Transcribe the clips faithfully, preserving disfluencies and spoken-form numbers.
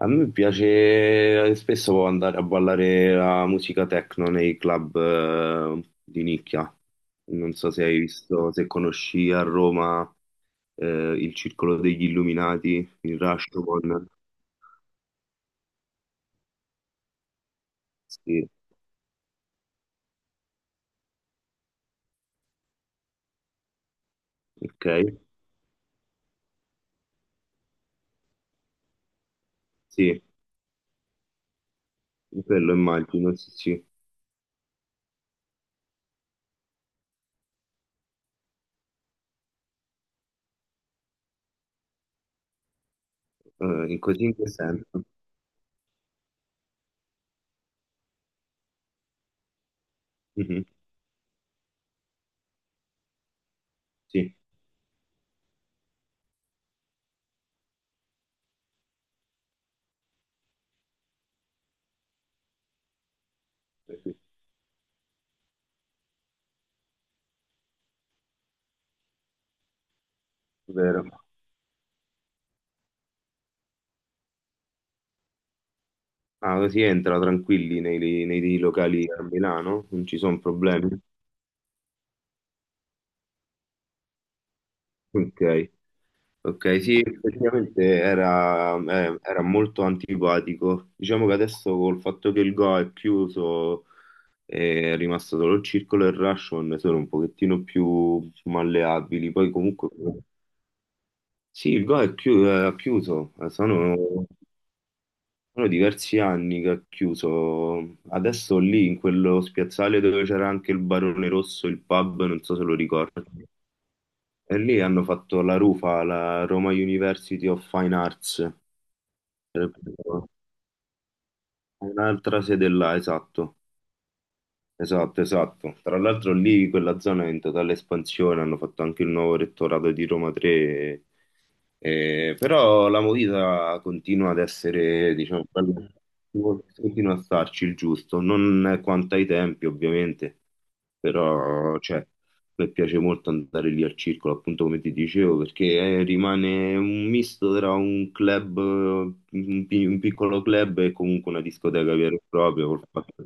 A me piace, eh, spesso può andare a ballare la musica techno nei club eh, di nicchia. Non so se hai visto, se conosci a Roma eh, il Circolo degli Illuminati, il Rashomon. Sì, ok, sì, quello immagino, sì, sì. Eh, in così in che senso? Mhm. Sì, eh, sì, vero. Ah, così entra tranquilli nei, nei locali a Milano, non ci sono problemi. Ok. Ok, sì, effettivamente era, eh, era molto antipatico. Diciamo che adesso col fatto che il Go è chiuso è rimasto solo il Circolo e il Rashomon sono un pochettino più malleabili. Poi comunque sì, il Go è chiu- è chiuso, eh, sono, sono diversi anni che è chiuso. Adesso lì in quello spiazzale dove c'era anche il Barone Rosso, il pub, non so se lo ricordi. E lì hanno fatto la rufa alla Roma University of Fine Arts. Un'altra sede là, esatto. Esatto, esatto. Tra l'altro lì quella zona è in totale espansione, hanno fatto anche il nuovo rettorato di Roma tre, eh, però la movida continua ad essere, diciamo, bella- continua a starci il giusto, non quanto ai tempi ovviamente, però cioè, mi piace molto andare lì al circolo, appunto come ti dicevo, perché eh, rimane un misto tra un club, eh, un, pi- un piccolo club e comunque una discoteca vera e propria. Col fatto.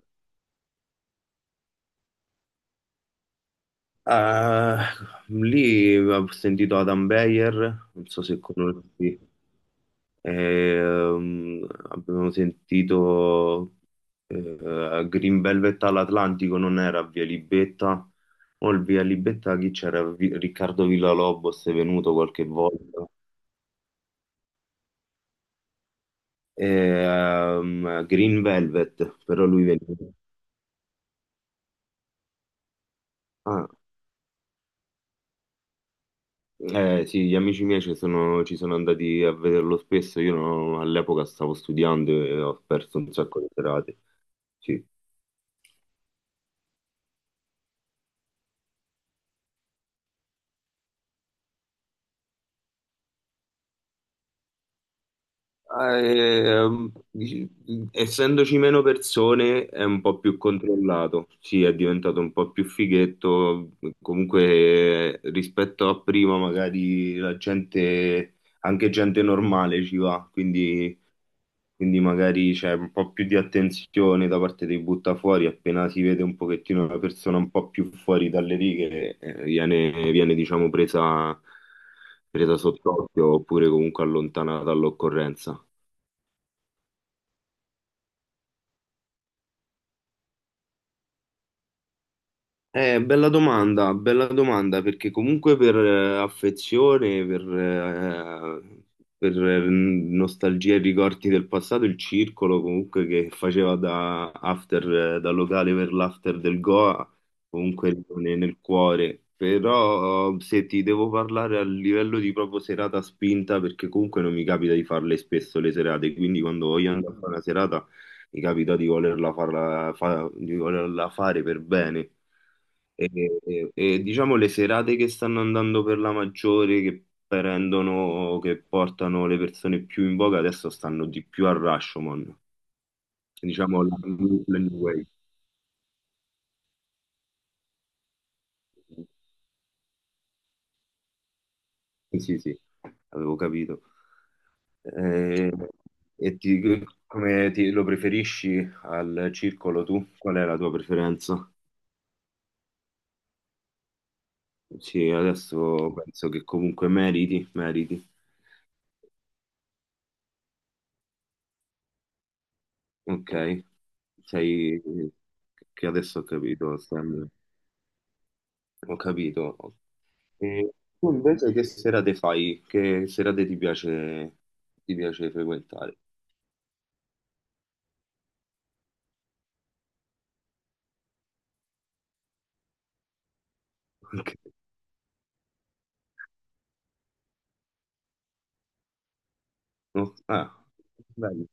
Eh, lì ho sentito Adam Beyer, non so se conosci. Ehm, abbiamo sentito eh, Green Velvet all'Atlantico, non era Via Libetta, o il Via Libetta chi c'era? Vi- Riccardo Villalobos è venuto qualche volta. Ehm, Green Velvet, però lui veniva. Ah, eh, sì, gli amici miei ci sono, ci sono andati a vederlo spesso. Io non- All'epoca stavo studiando e ho perso un sacco di serate. Sì. Eh, dici- Essendoci meno persone è un po' più controllato. Sì, è diventato un po' più fighetto. Comunque, eh, rispetto a prima, magari la gente, anche gente normale ci va. Quindi. Quindi magari c'è un po' più di attenzione da parte dei buttafuori, appena si vede un pochettino una persona un po' più fuori dalle righe, eh, viene, viene diciamo presa, presa sott'occhio oppure comunque allontanata dall'occorrenza. Eh, bella domanda, bella domanda, perché comunque per eh, affezione, per, eh, per eh, nostalgia e ricordi del passato, il circolo comunque che faceva da after, eh, da locale per l'after del Goa, comunque rimane nel cuore. Però se ti devo parlare a livello di proprio serata spinta, perché comunque non mi capita di farle spesso le serate, quindi quando voglio andare a fare una serata mi capita di volerla farla- fa- di volerla fare per bene. E, e- e, diciamo le serate che stanno andando per la maggiore, che prendono, che portano le persone più in voga, adesso stanno di più a Rashomon, diciamo la, la New Wave. Sì, sì, sì, avevo capito. Eh, E, ti- come ti- lo preferisci al circolo tu? Qual è la tua preferenza? Sì, adesso penso che comunque meriti, meriti. Ok, sei che adesso ho capito, Sam. Ho capito. E tu invece che serate fai? Che serate ti piace, ti piace frequentare? Ok. No? Ah, bello.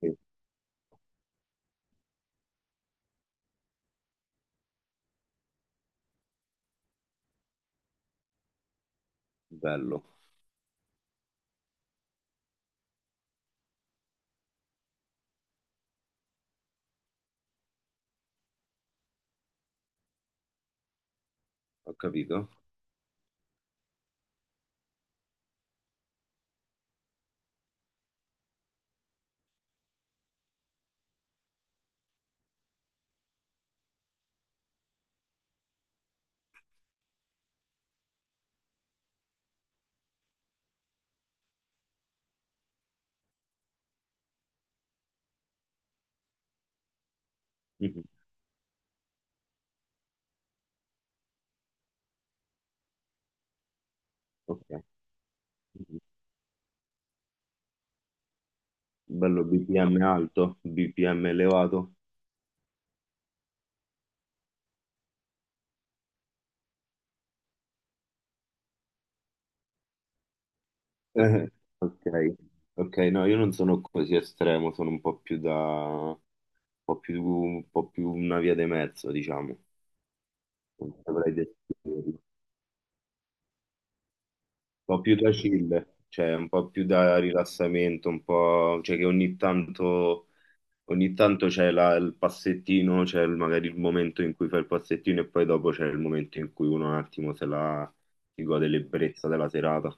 Sì, bello, ho capito. Mhm. Ok. Mhm. Bello, B P M alto, B P M elevato. Eh, ok, ok, no, io non sono così estremo, sono un po' più da, un po' più, un po' più una via di mezzo, diciamo. Non saprei descriverlo. Po' più da chill, cioè un po' più da rilassamento, un po', cioè che ogni tanto, ogni tanto c'è la- il passettino, c'è il- magari il momento in cui fai il passettino e poi dopo c'è il momento in cui uno un attimo se la si gode l'ebbrezza della serata.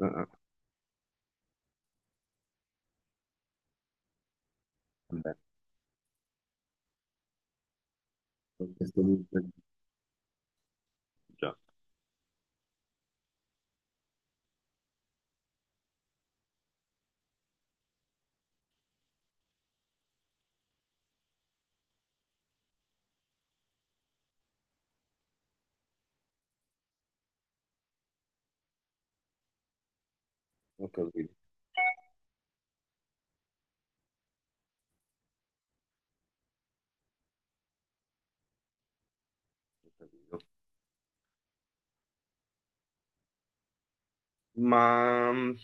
Ah, ah, vabbè, questo mi- già, ho capito, ho capito. Ma mh,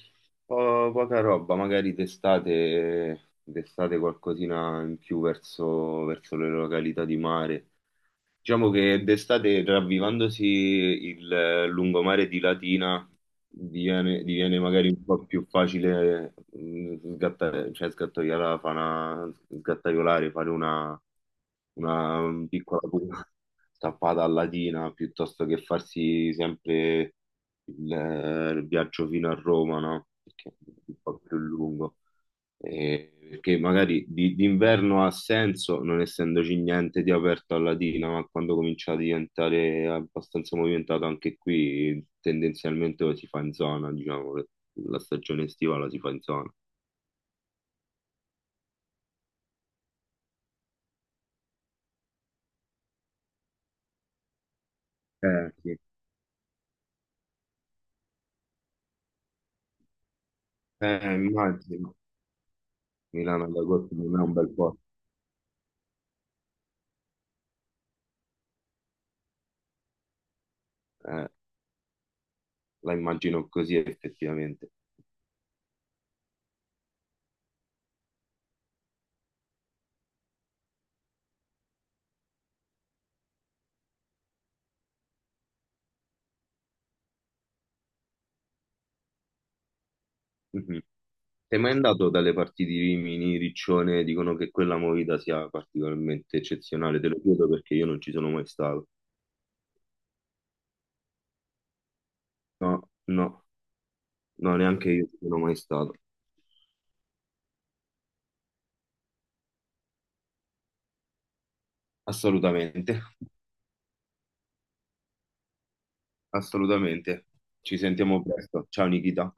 po- poca roba, magari d'estate, d'estate qualcosina in più verso, verso le località di mare. Diciamo che d'estate, ravvivandosi il eh, lungomare di Latina, diviene, diviene magari un po' più facile mh, sgattare, cioè sgattaiolare, fare una, sgattaiolare, fare una, una piccola punta tappata a Latina, piuttosto che farsi sempre il, eh, il viaggio fino a Roma, no? Perché è un po' più lungo eh, perché magari di- d'inverno ha senso non essendoci niente di aperto alla Dina, ma quando comincia a diventare abbastanza movimentato anche qui, tendenzialmente lo si fa in zona, diciamo, che la stagione estiva la si fa in zona. Eh, sì. Eh, immagino. Milano ad agosto non è un bel po', eh, la immagino così effettivamente. Mhm. Sei mai andato dalle parti di Rimini, Riccione, dicono che quella movida sia particolarmente eccezionale, te lo chiedo perché io non ci sono mai stato. No, no, no, neanche io ci sono mai stato. Assolutamente, assolutamente. Ci sentiamo presto. Ciao Nikita.